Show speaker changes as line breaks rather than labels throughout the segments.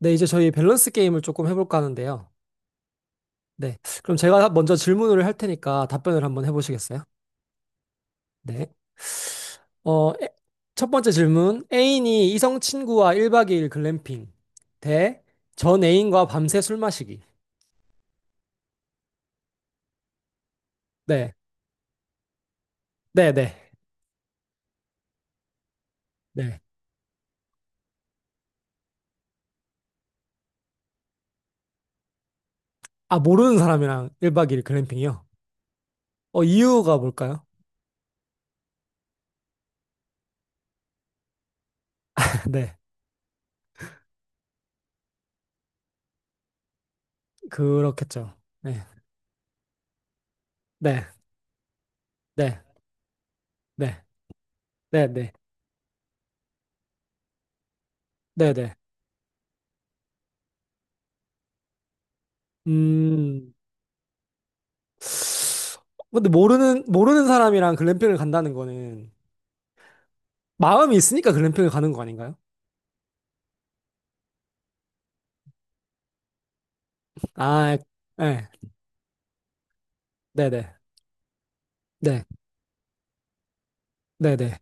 네, 이제 저희 밸런스 게임을 조금 해볼까 하는데요. 네. 그럼 제가 먼저 질문을 할 테니까 답변을 한번 해보시겠어요? 네. 어, 에- 첫 번째 질문. 애인이 이성 친구와 1박 2일 글램핑 대 전 애인과 밤새 술 마시기. 네. 네, 네. 네. 아, 모르는 사람이랑 1박 2일 글램핑이요? 이유가 뭘까요? 네. 그렇겠죠. 네. 네. 네. 네. 네. 네. 네. 네. 음. 근데 모르는 사람이랑 글램핑을 간다는 거는 마음이 있으니까 글램핑을 가는 거 아닌가요? 아, 예. 네네. 네. 네네.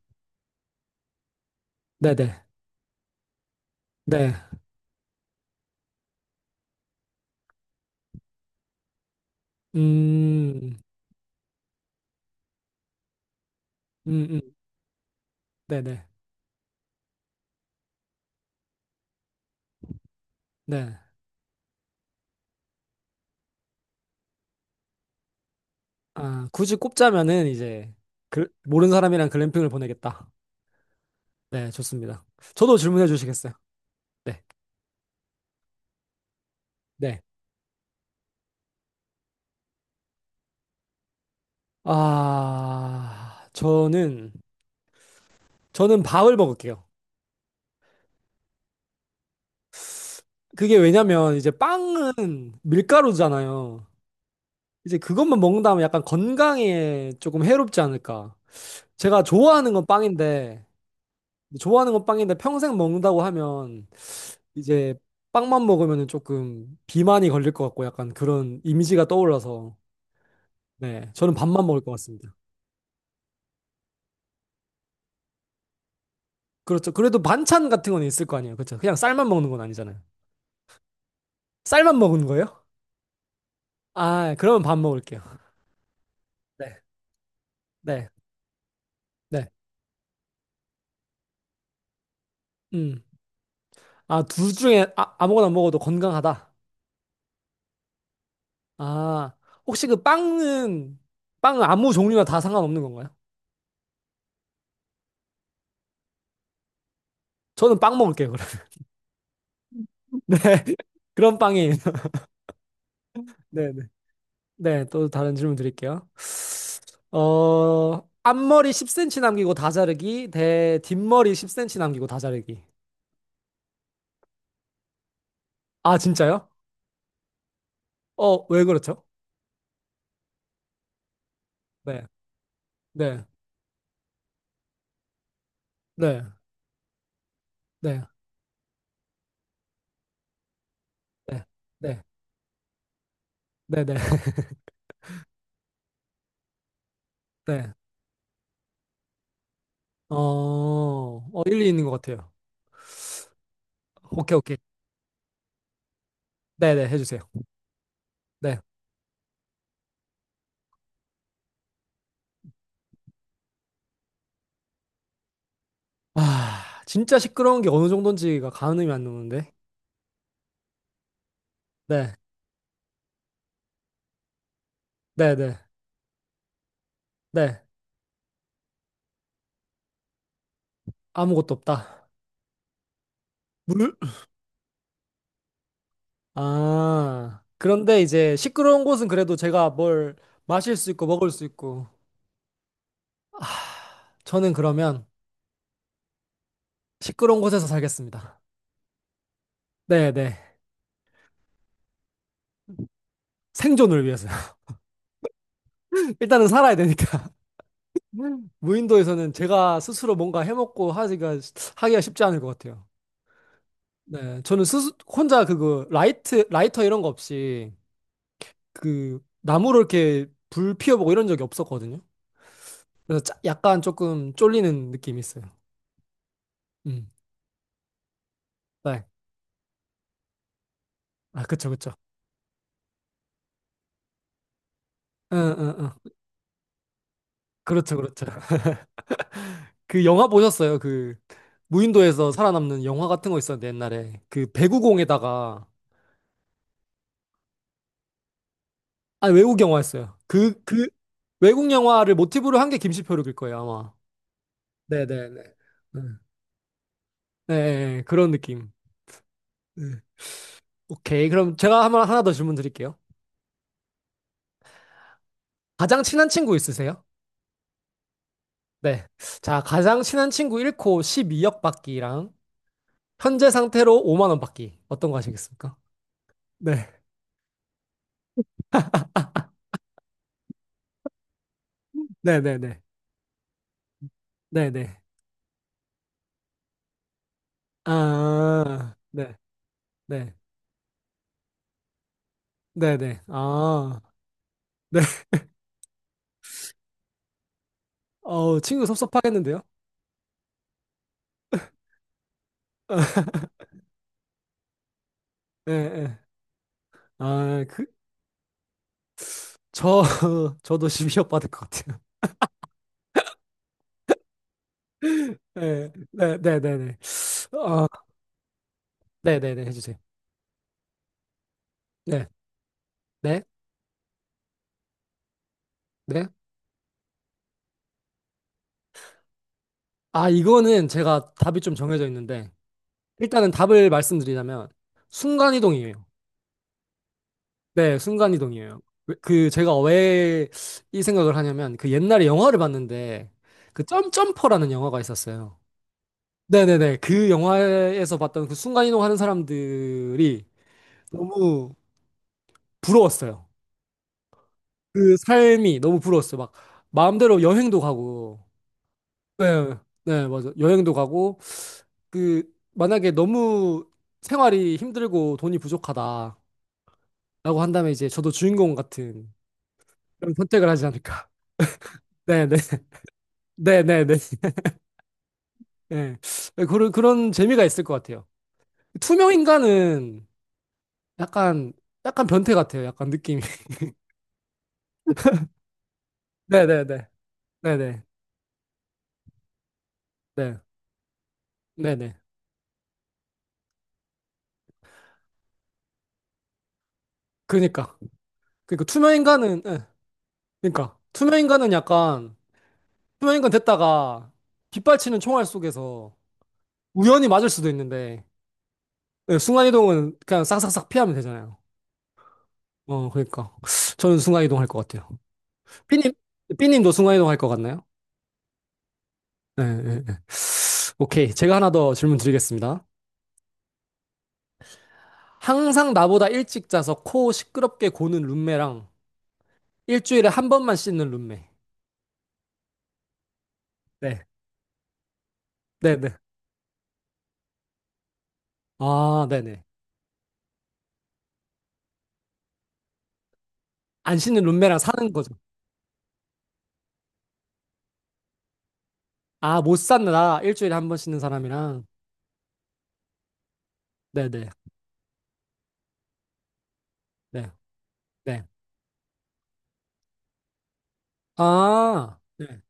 네네. 네. 음, 음, 음. 네네. 네. 아, 굳이 꼽자면은 이제 모르는 사람이랑 글램핑을 보내겠다. 네, 좋습니다. 저도 질문해 주시겠어요? 네. 네. 아, 저는 밥을 먹을게요. 그게 왜냐면 이제 빵은 밀가루잖아요. 이제 그것만 먹는다면 약간 건강에 조금 해롭지 않을까. 제가 좋아하는 건 빵인데, 좋아하는 건 빵인데 평생 먹는다고 하면 이제 빵만 먹으면 조금 비만이 걸릴 것 같고 약간 그런 이미지가 떠올라서 네, 저는 밥만 먹을 것 같습니다. 그렇죠. 그래도 반찬 같은 건 있을 거 아니에요. 그렇죠. 그냥 쌀만 먹는 건 아니잖아요. 쌀만 먹은 거예요? 아, 그러면 밥 먹을게요. 네, 네, 네. 음. 아, 둘 중에 아무거나 먹어도 건강하다. 아, 혹시 그 빵은 아무 종류나 다 상관없는 건가요? 저는 빵 먹을게요, 그럼. 네. 그런 빵이에요. 네 네. 네, 네, 네, 또 다른 질문 드릴게요. 앞머리 10cm 남기고 다 자르기, 대 뒷머리 10cm 남기고 다 자르기. 아, 진짜요? 왜 그렇죠? 네, 네, 네, 네, 네, 네, 네, 네, 네. 어, 일리 있는 것 같아요. 오케이, 오케이. 네네, 해주세요. 네. 아, 진짜 시끄러운 게 어느 정도인지가 가늠이 안 오는데. 네, 네, 네, 네. 아무것도 없다. 물? 아, 그런데 이제 시끄러운 곳은 그래도 제가 뭘 마실 수 있고 먹을 수 있고. 아, 저는 그러면 시끄러운 곳에서 살겠습니다. 네, 네. 생존을 위해서. 일단은 살아야 되니까. 무인도에서는 제가 스스로 뭔가 해먹고 하기가 쉽지 않을 것 같아요. 네, 저는 혼자 그거 라이터 이런 거 없이 그 나무로 이렇게 불 피워보고 이런 적이 없었거든요. 그래서 약간 조금 쫄리는 느낌이 있어요. 음, 네. 아, 그쵸, 그쵸. 응, 응, 응. 그렇죠, 그렇죠. 그 영화 보셨어요? 그 무인도에서 살아남는 영화 같은 거 있었는데 옛날에 그 배구공에다가 아, 외국 영화였어요. 그 외국 영화를 모티브로 한 게 김시표룩일 거예요 아마. 네네네. 네, 예, 예, 예. 그런 느낌. 네. 오케이. 그럼 제가 한번 하나 더 질문 드릴게요. 가장 친한 친구 있으세요? 네. 자, 가장 친한 친구 1코 12억 받기랑 현재 상태로 5만 원 받기. 어떤 거 하시겠습니까? 네. 네, 네, 네. 네, 네. 아, 네. 네. 네, 네. 아. 네. 어우, 친구 섭섭하겠는데요? 예, 예. 아, 그 저 저도 12억 받을 것 같아요. 네, 네, 네, 네, 네. 어, 네, 네, 네, 해주세요. 네, 네, 네. 아, 이거는 제가 답이 좀 정해져 있는데, 일단은 답을 말씀드리자면 순간이동이에요. 네, 순간이동이에요. 그 제가 왜 이 생각을 하냐면 그 옛날에 영화를 봤는데 그 점점퍼라는 영화가 있었어요. 네네네. 그 영화에서 봤던 그 순간이동하는 사람들이 너무 부러웠어요. 그 삶이 너무 부러웠어요. 막 마음대로 여행도 가고. 네, 네, 맞아. 여행도 가고 그 만약에 너무 생활이 힘들고 돈이 부족하다. 라고 한다면 이제 저도 주인공 같은 그런 선택을 하지 않을까. 네네. 네네네. 네. 네, 네. 네. 네, 그런 재미가 있을 것 같아요. 투명 인간은 약간, 약간 변태 같아요. 약간 느낌이. 네네네. 네네. 네. 네네. 그니까. 그니까 투명 인간은, 예. 그니까. 투명 인간은 약간, 투명 인간 됐다가 빗발치는 총알 속에서 우연히 맞을 수도 있는데, 예, 순간이동은 그냥 싹싹싹 피하면 되잖아요. 그니까. 저는 순간이동 할 것 같아요. 삐님, 삐님도 순간이동 할 것 같나요? 네, 네. 오케이. 제가 하나 더 질문 드리겠습니다. 항상 나보다 일찍 자서 코 시끄럽게 고는 룸메랑 일주일에 한 번만 씻는 룸메. 네. 네네. 아, 네네. 안 씻는 룸메랑 사는 거죠. 아, 못 산다. 일주일에 한 번 씻는 사람이랑. 네네. 네. 네. 아, 네.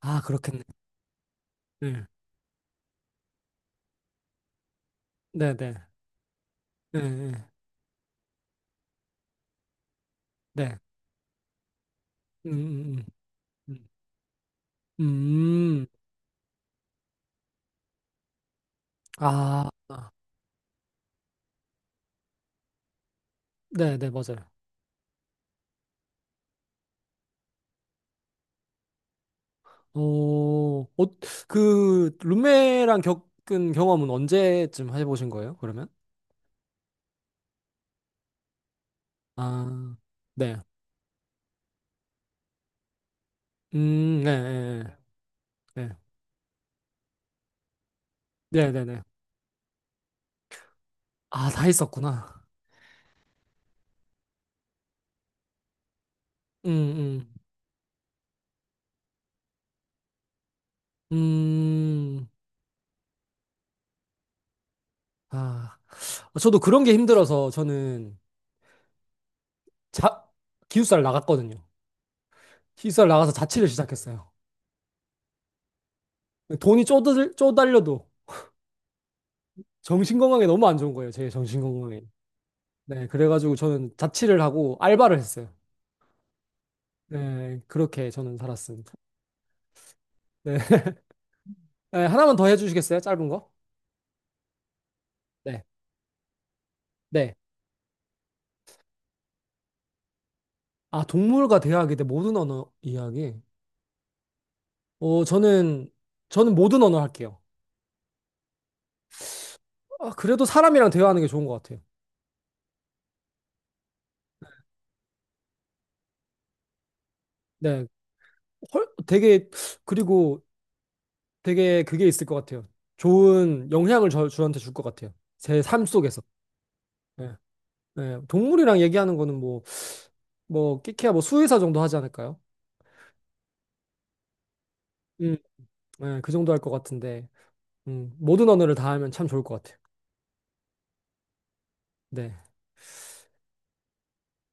아, 그렇겠네. 네. 네네. 네. 네. 네. 네. 음, 음, 음. 음, 음. 아, 아. 네네. 맞아요. 어, 어, 그, 룸메랑 겪은 경험은 언제쯤 해보신 거예요, 그러면? 아, 네. 네, 네, 네, 네, 네. 네. 아, 다 있었구나. 음, 음, 음, 아. 저도 그런 게 힘들어서 저는 자, 기숙사를 나갔거든요. 기숙사를 나가서 자취를 시작했어요. 돈이 쪼달려도 정신건강에 너무 안 좋은 거예요, 제 정신건강에. 네, 그래가지고 저는 자취를 하고 알바를 했어요. 네, 그렇게 저는 살았습니다. 네. 네, 하나만 더 해주시겠어요? 짧은 거? 네. 네. 아, 동물과 대화하기 대 모든 언어 이야기. 어, 저는, 저는 모든 언어 할게요. 아, 그래도 사람이랑 대화하는 게 좋은 것 같아요. 네. 헐, 되게, 그리고 되게 그게 있을 것 같아요. 좋은 영향을 저한테 줄 것 같아요. 제 삶 속에서. 네. 네. 동물이랑 얘기하는 거는 뭐, 끼키야 뭐 수의사 정도 하지 않을까요? 음, 네, 그 정도 할 것 같은데, 모든 언어를 다 하면 참 좋을 것 같아요. 네.